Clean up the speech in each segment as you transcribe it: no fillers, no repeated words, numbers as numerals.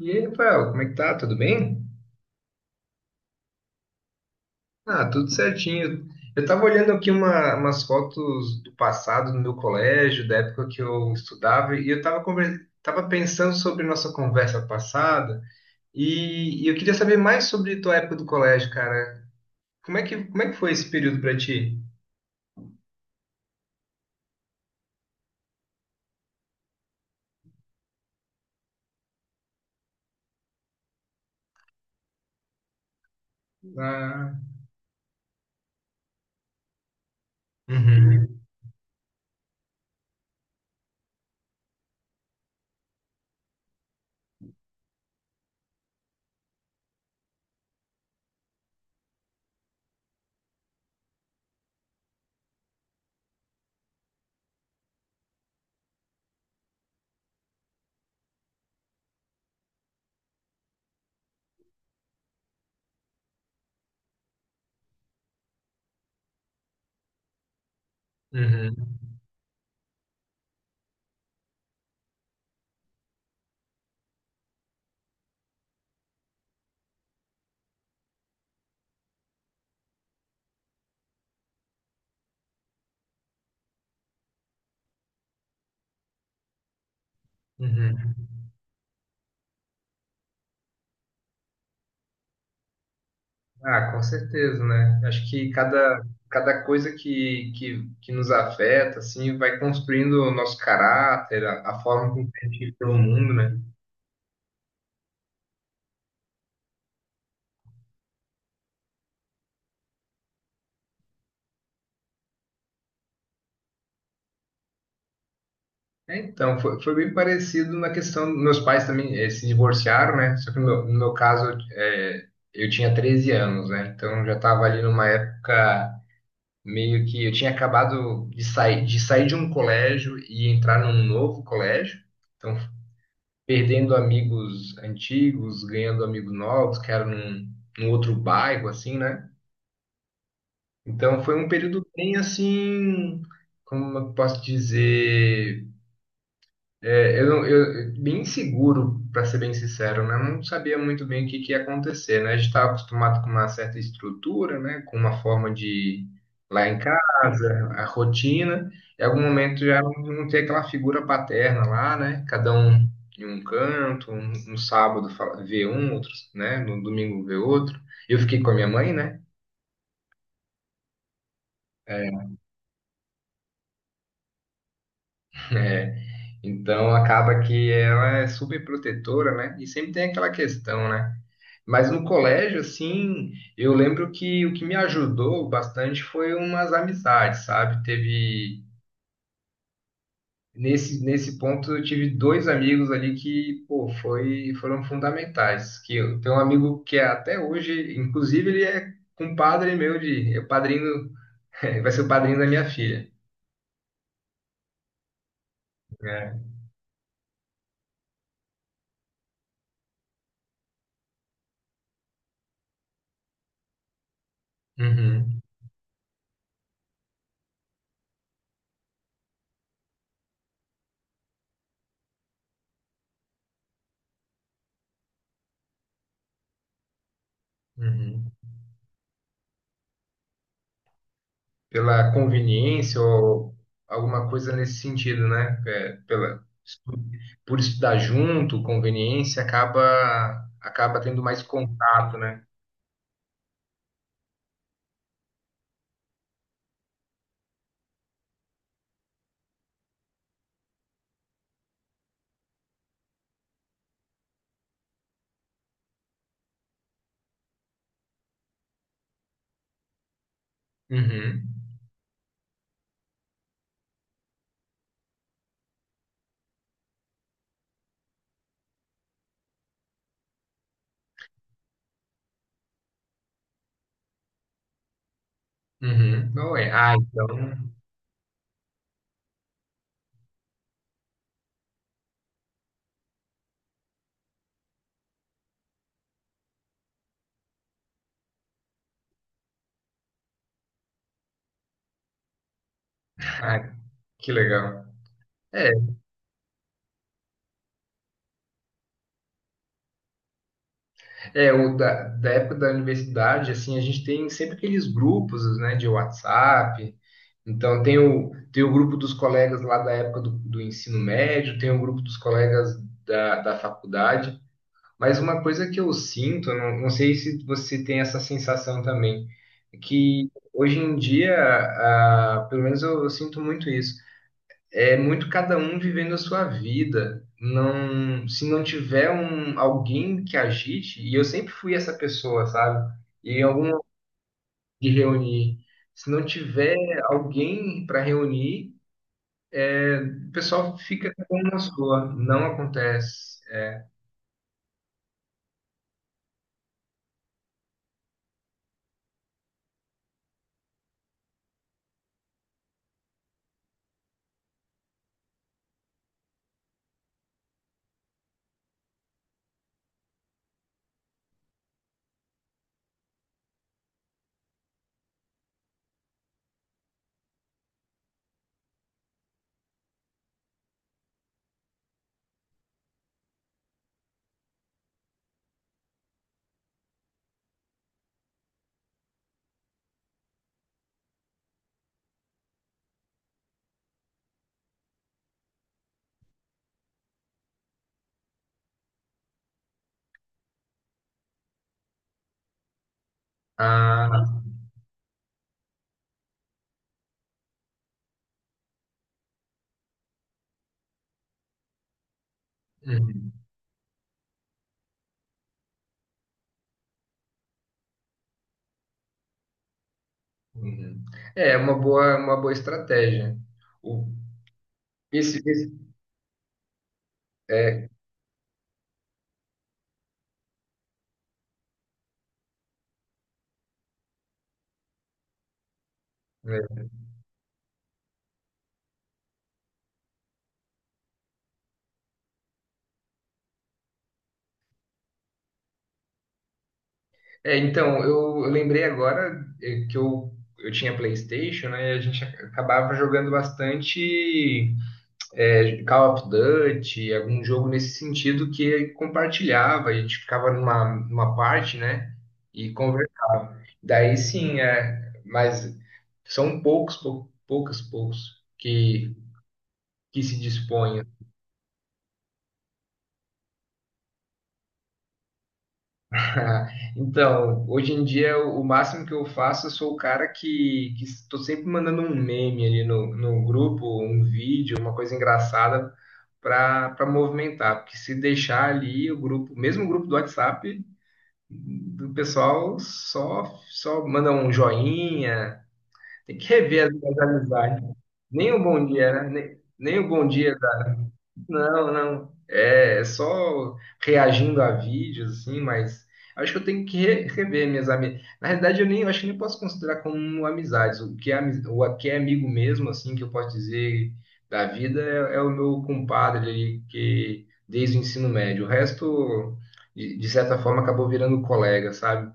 E aí, Rafael, como é que tá? Tudo bem? Ah, tudo certinho. Eu tava olhando aqui umas fotos do passado no meu colégio, da época que eu estudava, e eu tava, tava pensando sobre nossa conversa passada, e, eu queria saber mais sobre tua época do colégio, cara. Como é que foi esse período pra ti? Ah, uhum, uhum, uhum. Ah, com certeza, né? Acho que cada coisa que nos afeta, assim, vai construindo o nosso caráter, a forma como a gente vê o mundo, né? É, então, foi bem parecido na questão, meus pais também eh, se divorciaram, né? Só que no meu caso, eh, eu tinha 13 anos, né? Então, já estava ali numa época meio que eu tinha acabado de sair, de sair de um colégio e entrar num novo colégio. Então, perdendo amigos antigos, ganhando amigos novos, que eram num outro bairro, assim, né? Então foi um período bem assim, como eu posso dizer, é, eu, não- eu bem seguro, para ser bem sincero, né? Eu não sabia muito bem que ia acontecer, né? A gente estava acostumado com uma certa estrutura, né? Com uma forma de lá em casa, a rotina. Em algum momento já não tem aquela figura paterna lá, né? Cada um em um canto, um, no sábado vê um, outro, né? No domingo vê outro. Eu fiquei com a minha mãe, né? É, é, Então acaba que ela é super protetora, né? E sempre tem aquela questão, né? Mas no colégio, assim, eu lembro que o que me ajudou bastante foi umas amizades, sabe? Teve nesse ponto eu tive dois amigos ali que, pô, foi foram fundamentais. Que eu tenho um amigo que é até hoje, inclusive ele é compadre meu de, é o padrinho, vai ser o padrinho da minha filha. É. Uhum, uhum. Pela conveniência ou alguma coisa nesse sentido, né? Por estudar junto, conveniência, acaba tendo mais contato, né? Uhum, uhum. Não é. Ah, então. Ah, que legal. É, é o da da época da universidade, assim, a gente tem sempre aqueles grupos, né, de WhatsApp. Então, tem o grupo dos colegas lá da época do ensino médio, tem o grupo dos colegas da faculdade. Mas uma coisa que eu sinto, não sei se você tem essa sensação também, é que hoje em dia, ah, pelo menos eu sinto muito isso, é muito cada um vivendo a sua vida. Não, se não tiver um, alguém que agite, e eu sempre fui essa pessoa, sabe? E em algum momento de reunir, se não tiver alguém para reunir, o pessoal fica com uma sua, não acontece. Ah, uhum. Uhum. É é uma uma boa estratégia. O, esse- é, né? É, então, eu lembrei agora é, que eu tinha PlayStation, né? E a gente acabava jogando bastante é, Call of Duty, algum jogo nesse sentido que compartilhava, e a gente ficava numa, numa parte, né? E conversava. Daí sim, é, mas são poucos que se dispõem. Ah, então, hoje em dia, o máximo que eu faço, eu sou o cara que estou sempre mandando um meme ali no grupo, um vídeo, uma coisa engraçada para movimentar. Porque se deixar ali o grupo, mesmo o grupo do WhatsApp, do pessoal só, só manda um joinha. Tem que rever as amizades. Nem o bom dia, né? Nem o bom dia não, não. É é só reagindo a vídeos, assim, mas acho que eu tenho que rever minhas amizades. Na realidade, eu acho que nem posso considerar como amizades. O que é, o que é amigo mesmo, assim, que eu posso dizer da vida é, é o meu compadre ali, que desde o ensino médio. O resto, de certa forma, acabou virando colega, sabe?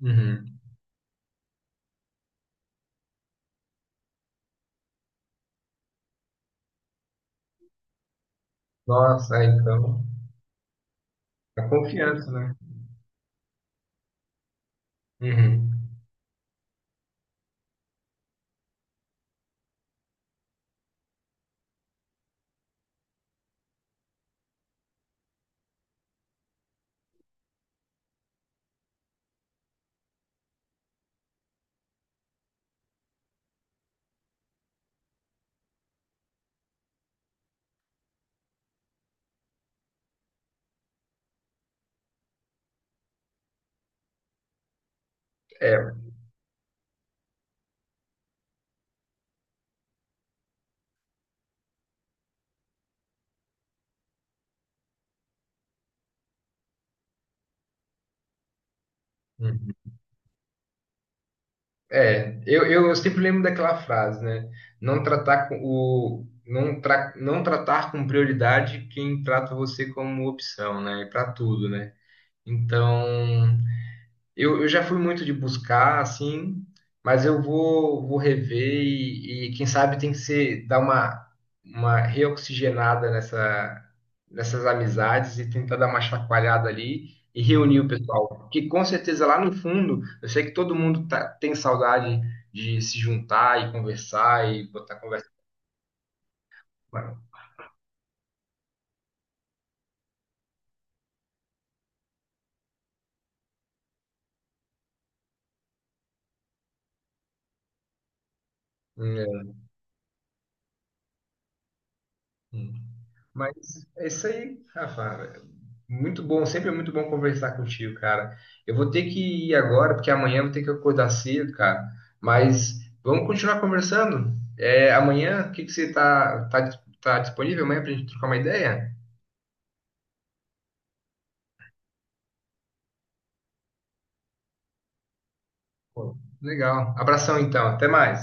Uhum. Nossa, é, então, a confiança, né? Uhum. É. É, eu sempre lembro daquela frase, né? Não tratar com o não, tra, não tratar com prioridade quem trata você como opção, né? Para tudo, né? Então, eu já fui muito de buscar, assim, mas vou rever e, quem sabe tem que ser dar uma reoxigenada nessa, nessas amizades e tentar dar uma chacoalhada ali e reunir o pessoal. Porque com certeza lá no fundo, eu sei que todo mundo tá, tem saudade de se juntar e conversar e botar conversa. Mano, mas é isso aí, Rafa. Muito bom, sempre é muito bom conversar contigo, cara. Eu vou ter que ir agora, porque amanhã eu vou ter que acordar cedo, cara. Mas vamos continuar conversando. É, amanhã, o que que tá disponível amanhã pra gente trocar uma ideia? Pô, legal. Abração então, até mais.